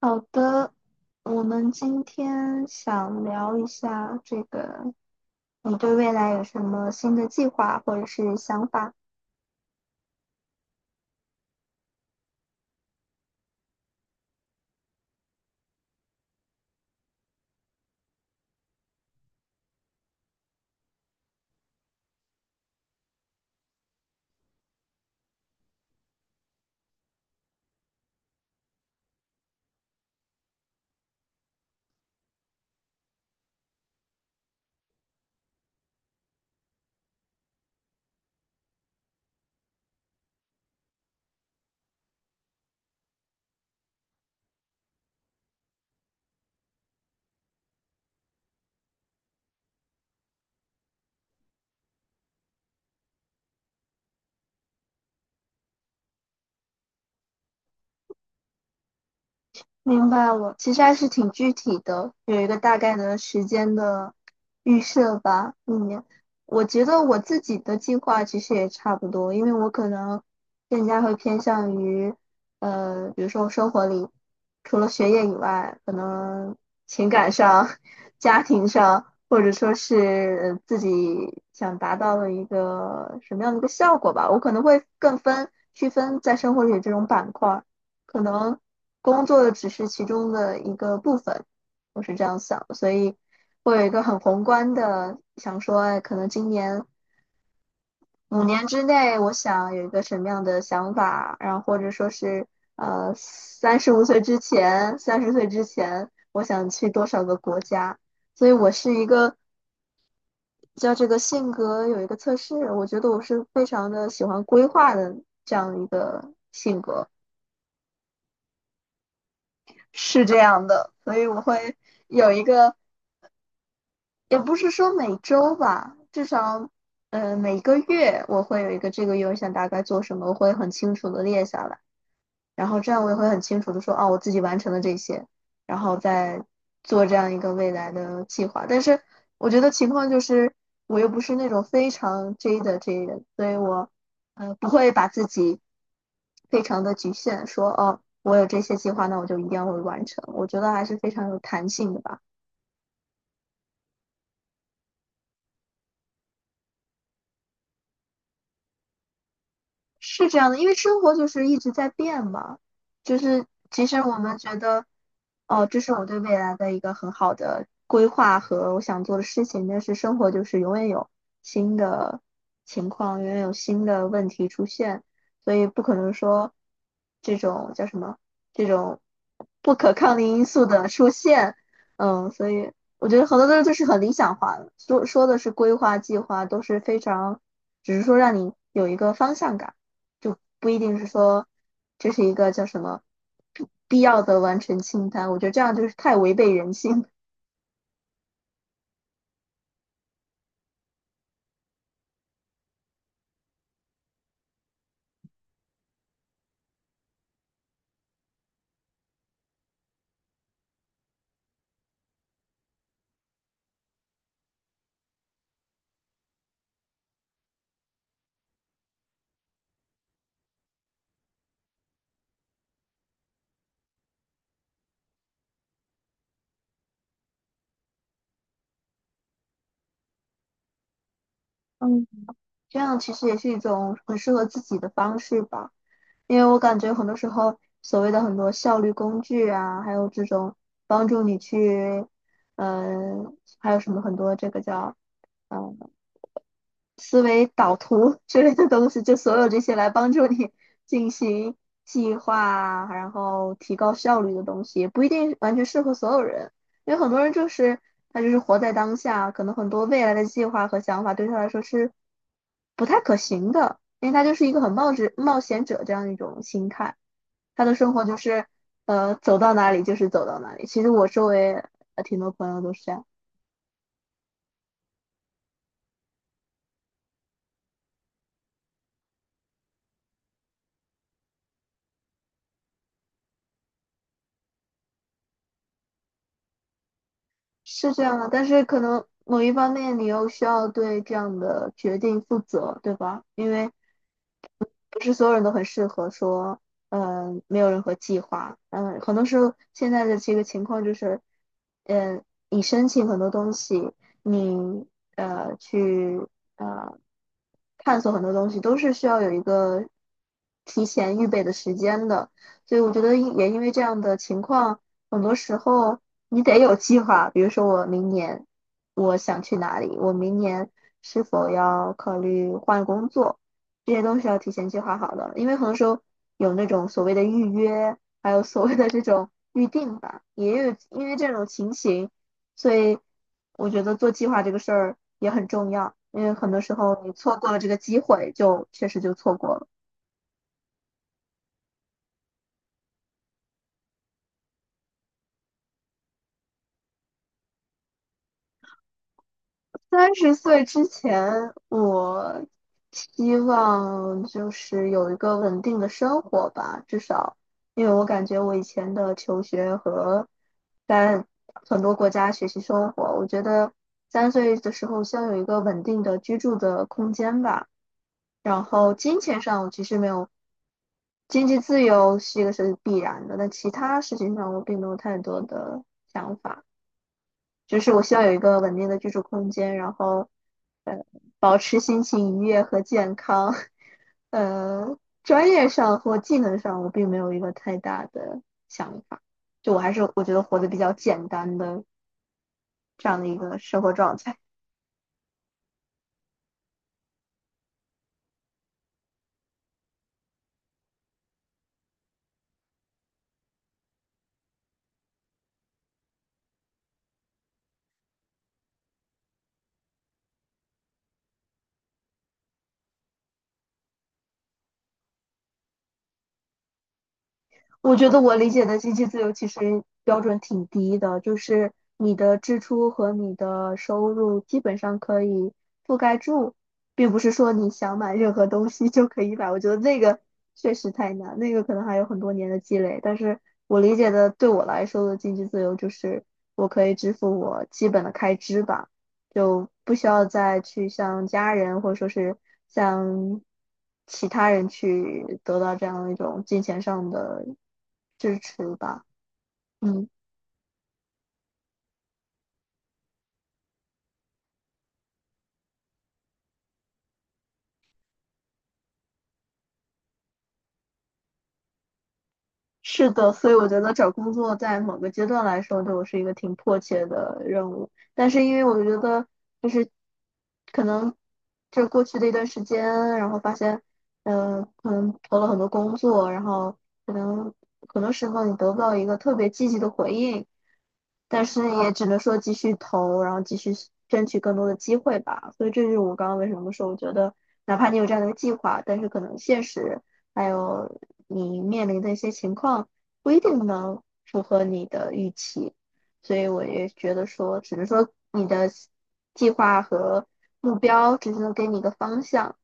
好的，我们今天想聊一下这个，你对未来有什么新的计划或者是想法？明白了，其实还是挺具体的，有一个大概的时间的预设吧。嗯，我觉得我自己的计划其实也差不多，因为我可能更加会偏向于，比如说生活里除了学业以外，可能情感上、家庭上，或者说是自己想达到的一个什么样的一个效果吧，我可能会区分在生活里这种板块。可能工作只是其中的一个部分，我是这样想的，所以会有一个很宏观的想说，哎，可能今年5年之内，我想有一个什么样的想法，然后或者说是35岁之前，三十岁之前，我想去多少个国家，所以我是一个叫这个性格有一个测试，我觉得我是非常的喜欢规划的这样一个性格，是这样的，所以我会。有一个也不是说每周吧，至少，每个月我会有一个这个月我想大概做什么，我会很清楚的列下来，然后这样我也会很清楚的说，哦，我自己完成了这些，然后再做这样一个未来的计划。但是我觉得情况就是，我又不是那种非常 J 的 J 人，所以我，不会把自己非常的局限，说，哦，我有这些计划，那我就一定要会完成。我觉得还是非常有弹性的吧。是这样的，因为生活就是一直在变嘛，就是其实我们觉得，哦，这是我对未来的一个很好的规划和我想做的事情，但是生活就是永远有新的情况，永远有新的问题出现，所以不可能说这种叫什么这种不可抗力因素的出现，所以我觉得很多东西就是很理想化的，说说的是规划计划都是非常，只是说让你有一个方向感。就不一定是说这是一个叫什么必要的完成清单。我觉得这样就是太违背人性。嗯这样其实也是一种很适合自己的方式吧。因为我感觉很多时候所谓的很多效率工具啊，还有这种帮助你去，还有什么很多这个叫嗯、呃思维导图之类的东西，就所有这些来帮助你进行计划啊，然后提高效率的东西，也不一定完全适合所有人，因为很多人就是他就是活在当下，可能很多未来的计划和想法对他来说是不太可行的，因为他就是一个很冒险者这样一种心态，他的生活就是走到哪里就是走到哪里。其实我周围挺多朋友都是这样。是这样的，但是可能某一方面你又需要对这样的决定负责，对吧？因为不是所有人都很适合说，没有任何计划，很多时候现在的这个情况就是，嗯、你申请很多东西，你去呃探索很多东西，都是需要有一个提前预备的时间的，所以我觉得因为这样的情况，很多时候你得有计划，比如说我明年我想去哪里，我明年是否要考虑换工作。这些都是要提前计划好的，因为很多时候有那种所谓的预约，还有所谓的这种预定吧，也有因为这种情形，所以我觉得做计划这个事儿也很重要，因为很多时候你错过了这个机会，就确实就错过了。三十岁之前，我希望就是有一个稳定的生活吧，至少，因为我感觉我以前的求学和在很多国家学习生活，我觉得3岁的时候先有一个稳定的居住的空间吧。然后金钱上，我其实没有经济自由是一个是必然的，但其他事情上我并没有太多的想法。就是我需要有一个稳定的居住空间，然后呃，保持心情愉悦和健康。专业上或技能上，我并没有一个太大的想法，就我还是我觉得活得比较简单的这样的一个生活状态。我觉得我理解的经济自由其实标准挺低的，就是你的支出和你的收入基本上可以覆盖住，并不是说你想买任何东西就可以买。我觉得那个确实太难，那个可能还有很多年的积累。但是我理解的对我来说的经济自由就是我可以支付我基本的开支吧。就不需要再去向家人或者说是向其他人去得到这样的一种金钱上的支持吧。嗯，是的，所以我觉得找工作在某个阶段来说，对我是一个挺迫切的任务。但是因为我觉得，就是可能这过去的一段时间，然后发现，可能投了很多工作，然后可能很多时候你得不到一个特别积极的回应，但是也只能说继续投，然后继续争取更多的机会吧。所以这就是我刚刚为什么说，我觉得哪怕你有这样的一个计划，但是可能现实还有你面临的一些情况不一定能符合你的预期。所以我也觉得说，只能说你的计划和目标只是能给你一个方向，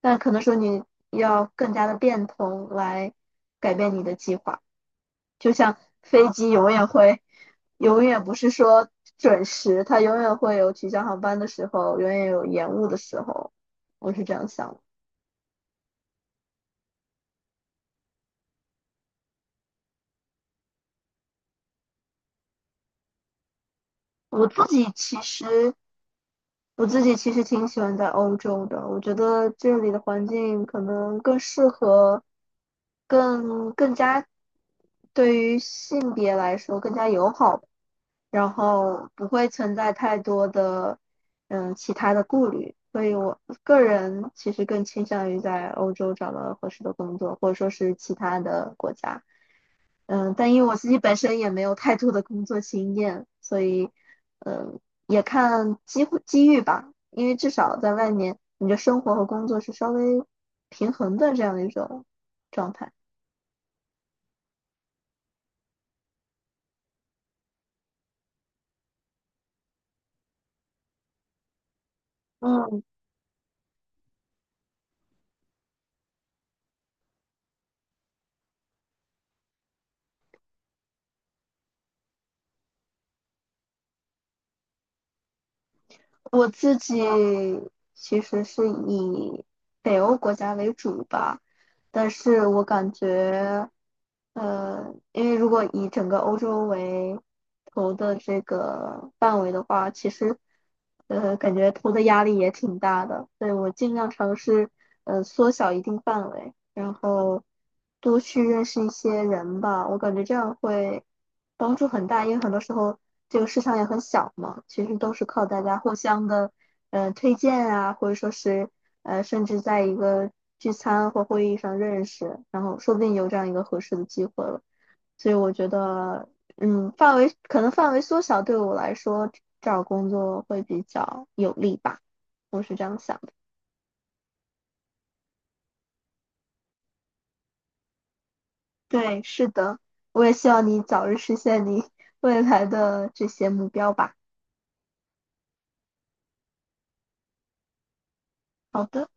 但可能说你要更加的变通来改变你的计划。就像飞机永远会，永远不是说准时，它永远会有取消航班的时候，永远有延误的时候。我是这样想的。我自己其实，我自己其实挺喜欢在欧洲的，我觉得这里的环境可能更适合，更加对于性别来说更加友好，然后不会存在太多的其他的顾虑，所以我个人其实更倾向于在欧洲找到合适的工作，或者说是其他的国家。嗯，但因为我自己本身也没有太多的工作经验，所以嗯也看机会机遇吧，因为至少在外面你的生活和工作是稍微平衡的这样的一种状态。嗯，我自己其实是以北欧国家为主吧，但是我感觉，因为如果以整个欧洲为投的这个范围的话，其实，感觉投的压力也挺大的，所以我尽量尝试，缩小一定范围。然后多去认识一些人吧，我感觉这样会帮助很大，因为很多时候这个市场也很小嘛，其实都是靠大家互相的，推荐啊，或者说是甚至在一个聚餐或会议上认识，然后说不定有这样一个合适的机会了。所以我觉得，范围缩小对我来说找工作会比较有利吧，我是这样想。对，是的，我也希望你早日实现你未来的这些目标吧。好的。